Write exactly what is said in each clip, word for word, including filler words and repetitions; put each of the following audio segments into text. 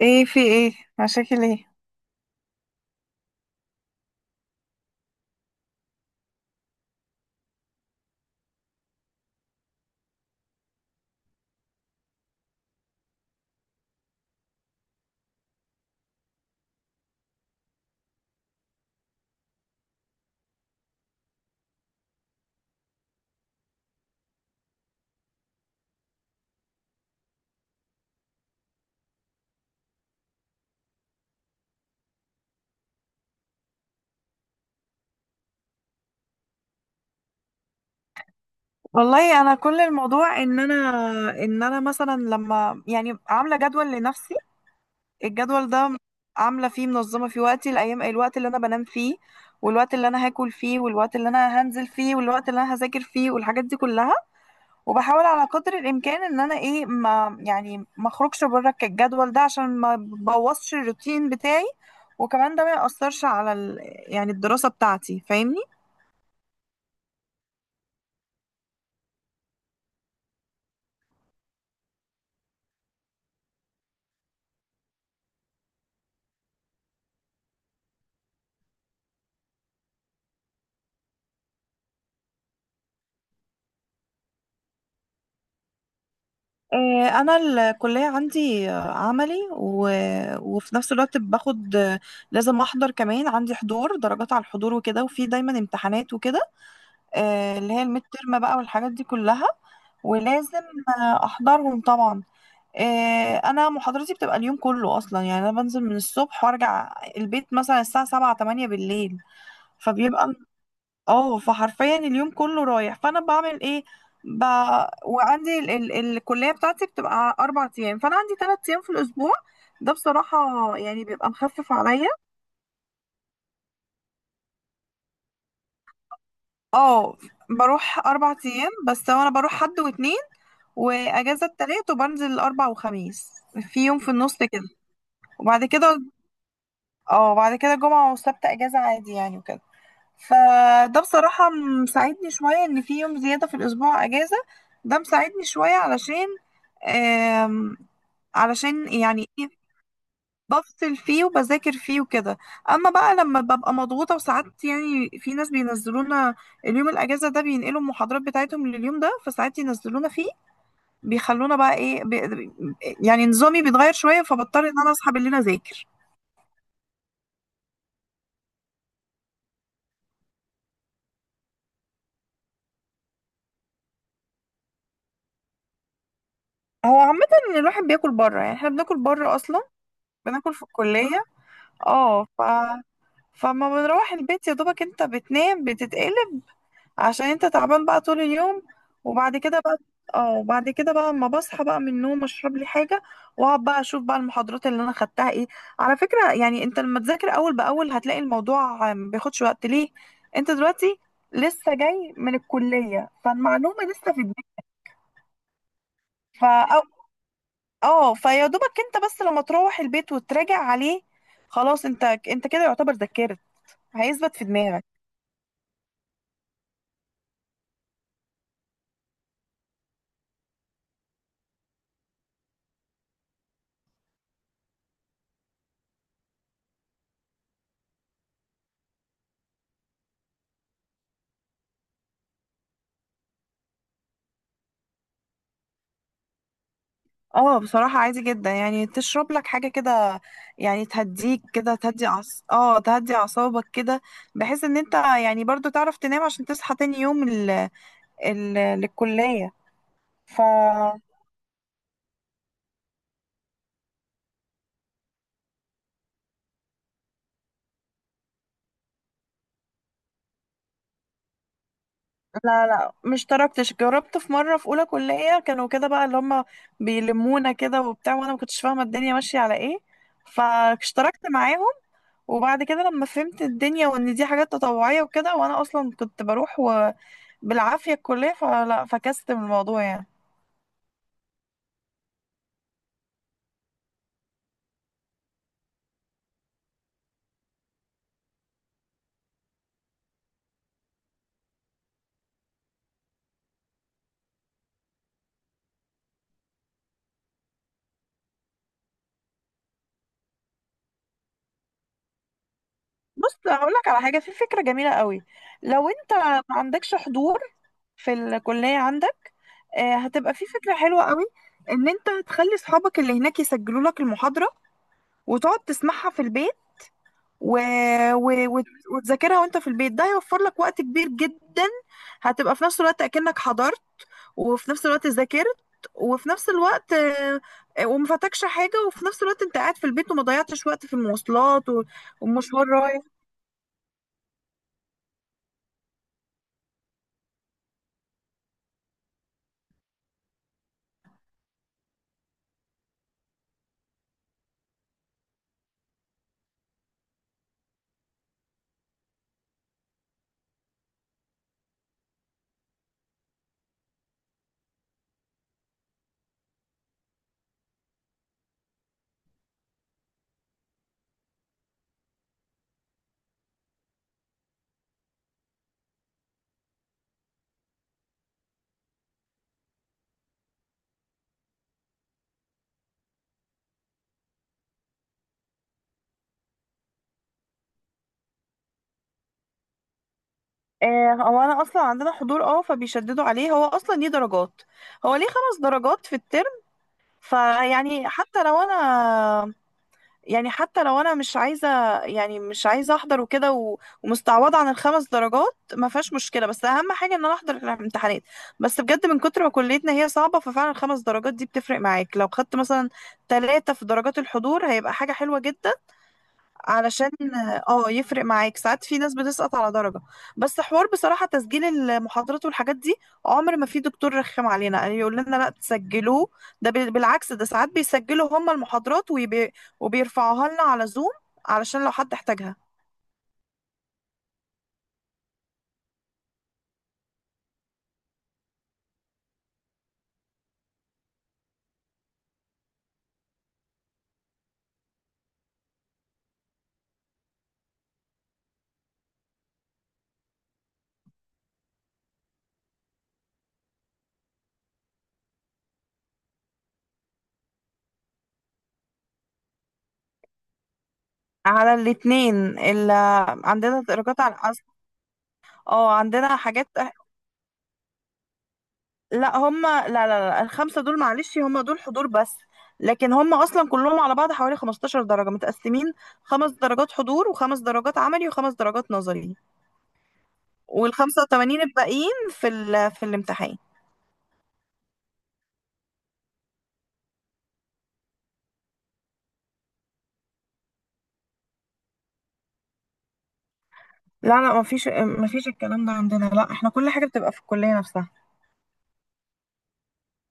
ايه، في ايه؟ مشاكل ايه؟ والله انا كل الموضوع ان انا ان انا مثلا لما يعني عامله جدول لنفسي. الجدول ده عامله فيه منظمه في وقتي الايام، الوقت اللي انا بنام فيه والوقت اللي انا هاكل فيه والوقت اللي انا هنزل فيه والوقت اللي انا هذاكر فيه والحاجات دي كلها. وبحاول على قدر الامكان ان انا ايه ما يعني ما اخرجش بره الجدول ده عشان ما بوظش الروتين بتاعي، وكمان ده ما يأثرش على ال... يعني الدراسه بتاعتي، فاهمني؟ آه، انا الكليه عندي آه، عملي و... وفي نفس الوقت باخد، آه، لازم احضر، كمان عندي حضور، درجات على الحضور وكده، وفي دايما امتحانات وكده، آه، اللي هي الميد ترم بقى والحاجات دي كلها. ولازم آه، احضرهم طبعا. آه، انا محاضرتي بتبقى اليوم كله اصلا. يعني انا بنزل من الصبح وارجع البيت مثلا الساعه سبعة تمانية بالليل. فبيبقى اه، فحرفيا اليوم كله رايح. فانا بعمل ايه؟ ب... وعندي ال... ال... الكليه بتاعتي بتبقى اربع ايام، فانا عندي ثلاث ايام في الاسبوع. ده بصراحه يعني بيبقى مخفف عليا. اه، بروح اربع ايام، بس انا بروح حد واتنين واجازه التلات وبنزل الاربع وخميس. في يوم في النص كده. وبعد كده اه بعد كده جمعه وسبت اجازه عادي يعني وكده. فده بصراحة مساعدني شوية إن في يوم زيادة في الأسبوع أجازة. ده مساعدني شوية علشان آم، علشان يعني إيه، بفصل فيه وبذاكر فيه وكده. أما بقى لما ببقى مضغوطة، وساعات يعني في ناس بينزلونا اليوم الأجازة ده، بينقلوا المحاضرات بتاعتهم لليوم ده، فساعات ينزلونا فيه، بيخلونا بقى إيه، بي يعني نظامي بيتغير شوية، فبضطر إن أنا أصحى بالليل أذاكر. هو عامة إن الواحد بياكل بره، يعني إحنا بناكل بره أصلا، بناكل في الكلية. اه، فما بنروح البيت يا دوبك انت بتنام بتتقلب عشان انت تعبان بقى طول اليوم. وبعد كده بقى، اه وبعد كده بقى اما بصحى بقى من النوم اشرب لي حاجه واقعد بقى اشوف بقى المحاضرات اللي انا خدتها ايه. على فكره، يعني انت لما تذاكر اول باول هتلاقي الموضوع آه، ما بياخدش وقت. ليه؟ انت دلوقتي لسه جاي من الكليه فالمعلومه لسه في دماغك. فا اه، فيا دوبك انت بس لما تروح البيت وتراجع عليه، خلاص انت انت كده يعتبر ذاكرت، هيثبت في دماغك. اه بصراحة عادي جدا، يعني تشرب لك حاجة كده يعني تهديك كده، تهدي عص... اه تهدي اعصابك كده، بحيث ان انت يعني برضو تعرف تنام عشان تصحى تاني يوم ال... ال... للكلية. ف لا لا، مش تركتش، جربت في مرة في اولى كلية كانوا كده بقى اللي هم بيلمونا كده وبتاع، وانا ما كنتش فاهمة الدنيا ماشية على ايه، فاشتركت معاهم. وبعد كده لما فهمت الدنيا وان دي حاجات تطوعية وكده، وانا اصلا كنت بروح و... بالعافية الكلية، فلا فكست من الموضوع يعني. بص هقول لك على حاجة، في فكرة جميلة قوي. لو انت ما عندكش حضور في الكلية عندك، آه، هتبقى في فكرة حلوة قوي. ان انت تخلي اصحابك اللي هناك يسجلوا لك المحاضرة وتقعد تسمعها في البيت، و... و... وت- وتذاكرها وانت في البيت. ده هيوفر لك وقت كبير جدا. هتبقى في نفس الوقت اكنك حضرت، وفي نفس الوقت ذاكرت، وفي نفس الوقت آه، آه، وما فاتكش حاجة، وفي نفس الوقت انت قاعد في البيت وما ضيعتش وقت في المواصلات و- والمشوار رايح. آه، هو انا اصلا عندنا حضور، اه، فبيشددوا عليه. هو اصلا ليه درجات، هو ليه خمس درجات في الترم. فيعني حتى لو انا، يعني حتى لو انا مش عايزه، يعني مش عايزه احضر وكده و- ومستعوضه عن الخمس درجات ما فيهاش مشكله، بس اهم حاجه ان انا احضر الامتحانات. بس بجد من كتر ما كليتنا هي صعبه، ففعلا الخمس درجات دي بتفرق معاك. لو خدت مثلا ثلاثه في درجات الحضور هيبقى حاجه حلوه جدا، علشان اه يفرق معاك، ساعات في ناس بتسقط على درجة. بس حوار بصراحة تسجيل المحاضرات والحاجات دي، عمر ما في دكتور رخم علينا يعني يقول لنا لا تسجلوه. ده بال- بالعكس، ده ساعات بيسجلوا هم المحاضرات ويبي وبيرفعوها لنا على زوم علشان لو حد احتاجها. على الاتنين اللي عندنا درجات على الأس... اه عندنا حاجات. لا هم، لا لا لا الخمسة دول معلش هم دول حضور بس، لكن هم أصلا كلهم على بعض حوالي خمستاشر درجة متقسمين، خمس درجات حضور وخمس درجات عملي وخمس درجات نظري. والخمسة وتمانين الباقيين في ال في الامتحان. لا لا، مفيش مفيش الكلام ده عندنا، لا احنا كل حاجة بتبقى في الكلية نفسها.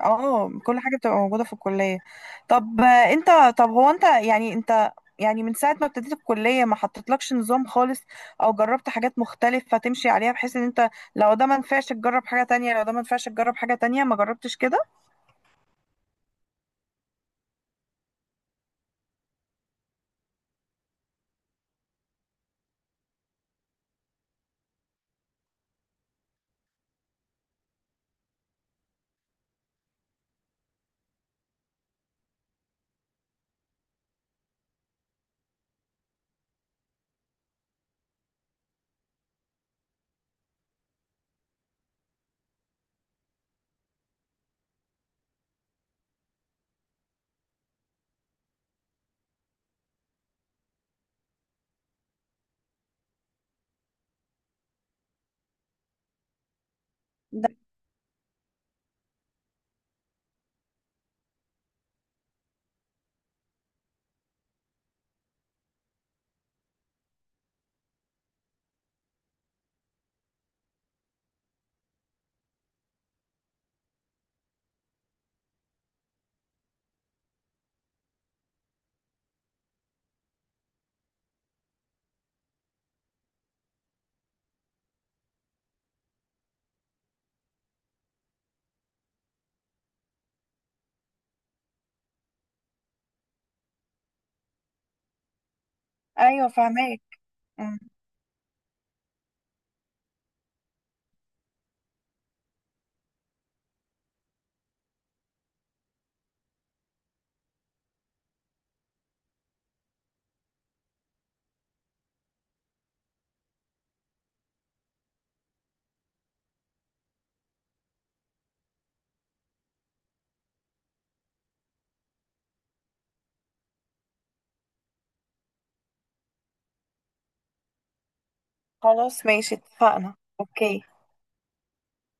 اه كل حاجة بتبقى موجودة في الكلية. طب آه، انت، طب هو انت يعني انت، يعني من ساعة ما ابتديت الكلية ما حطيتلكش نظام خالص؟ او جربت حاجات مختلفة تمشي عليها، بحيث ان انت لو ده ما نفعش تجرب حاجة تانية، لو ده ما نفعش تجرب حاجة تانية؟ ما جربتش كده؟ ده ايوه فهماك. مم. خلاص ماشي، اتفقنا، اوكي.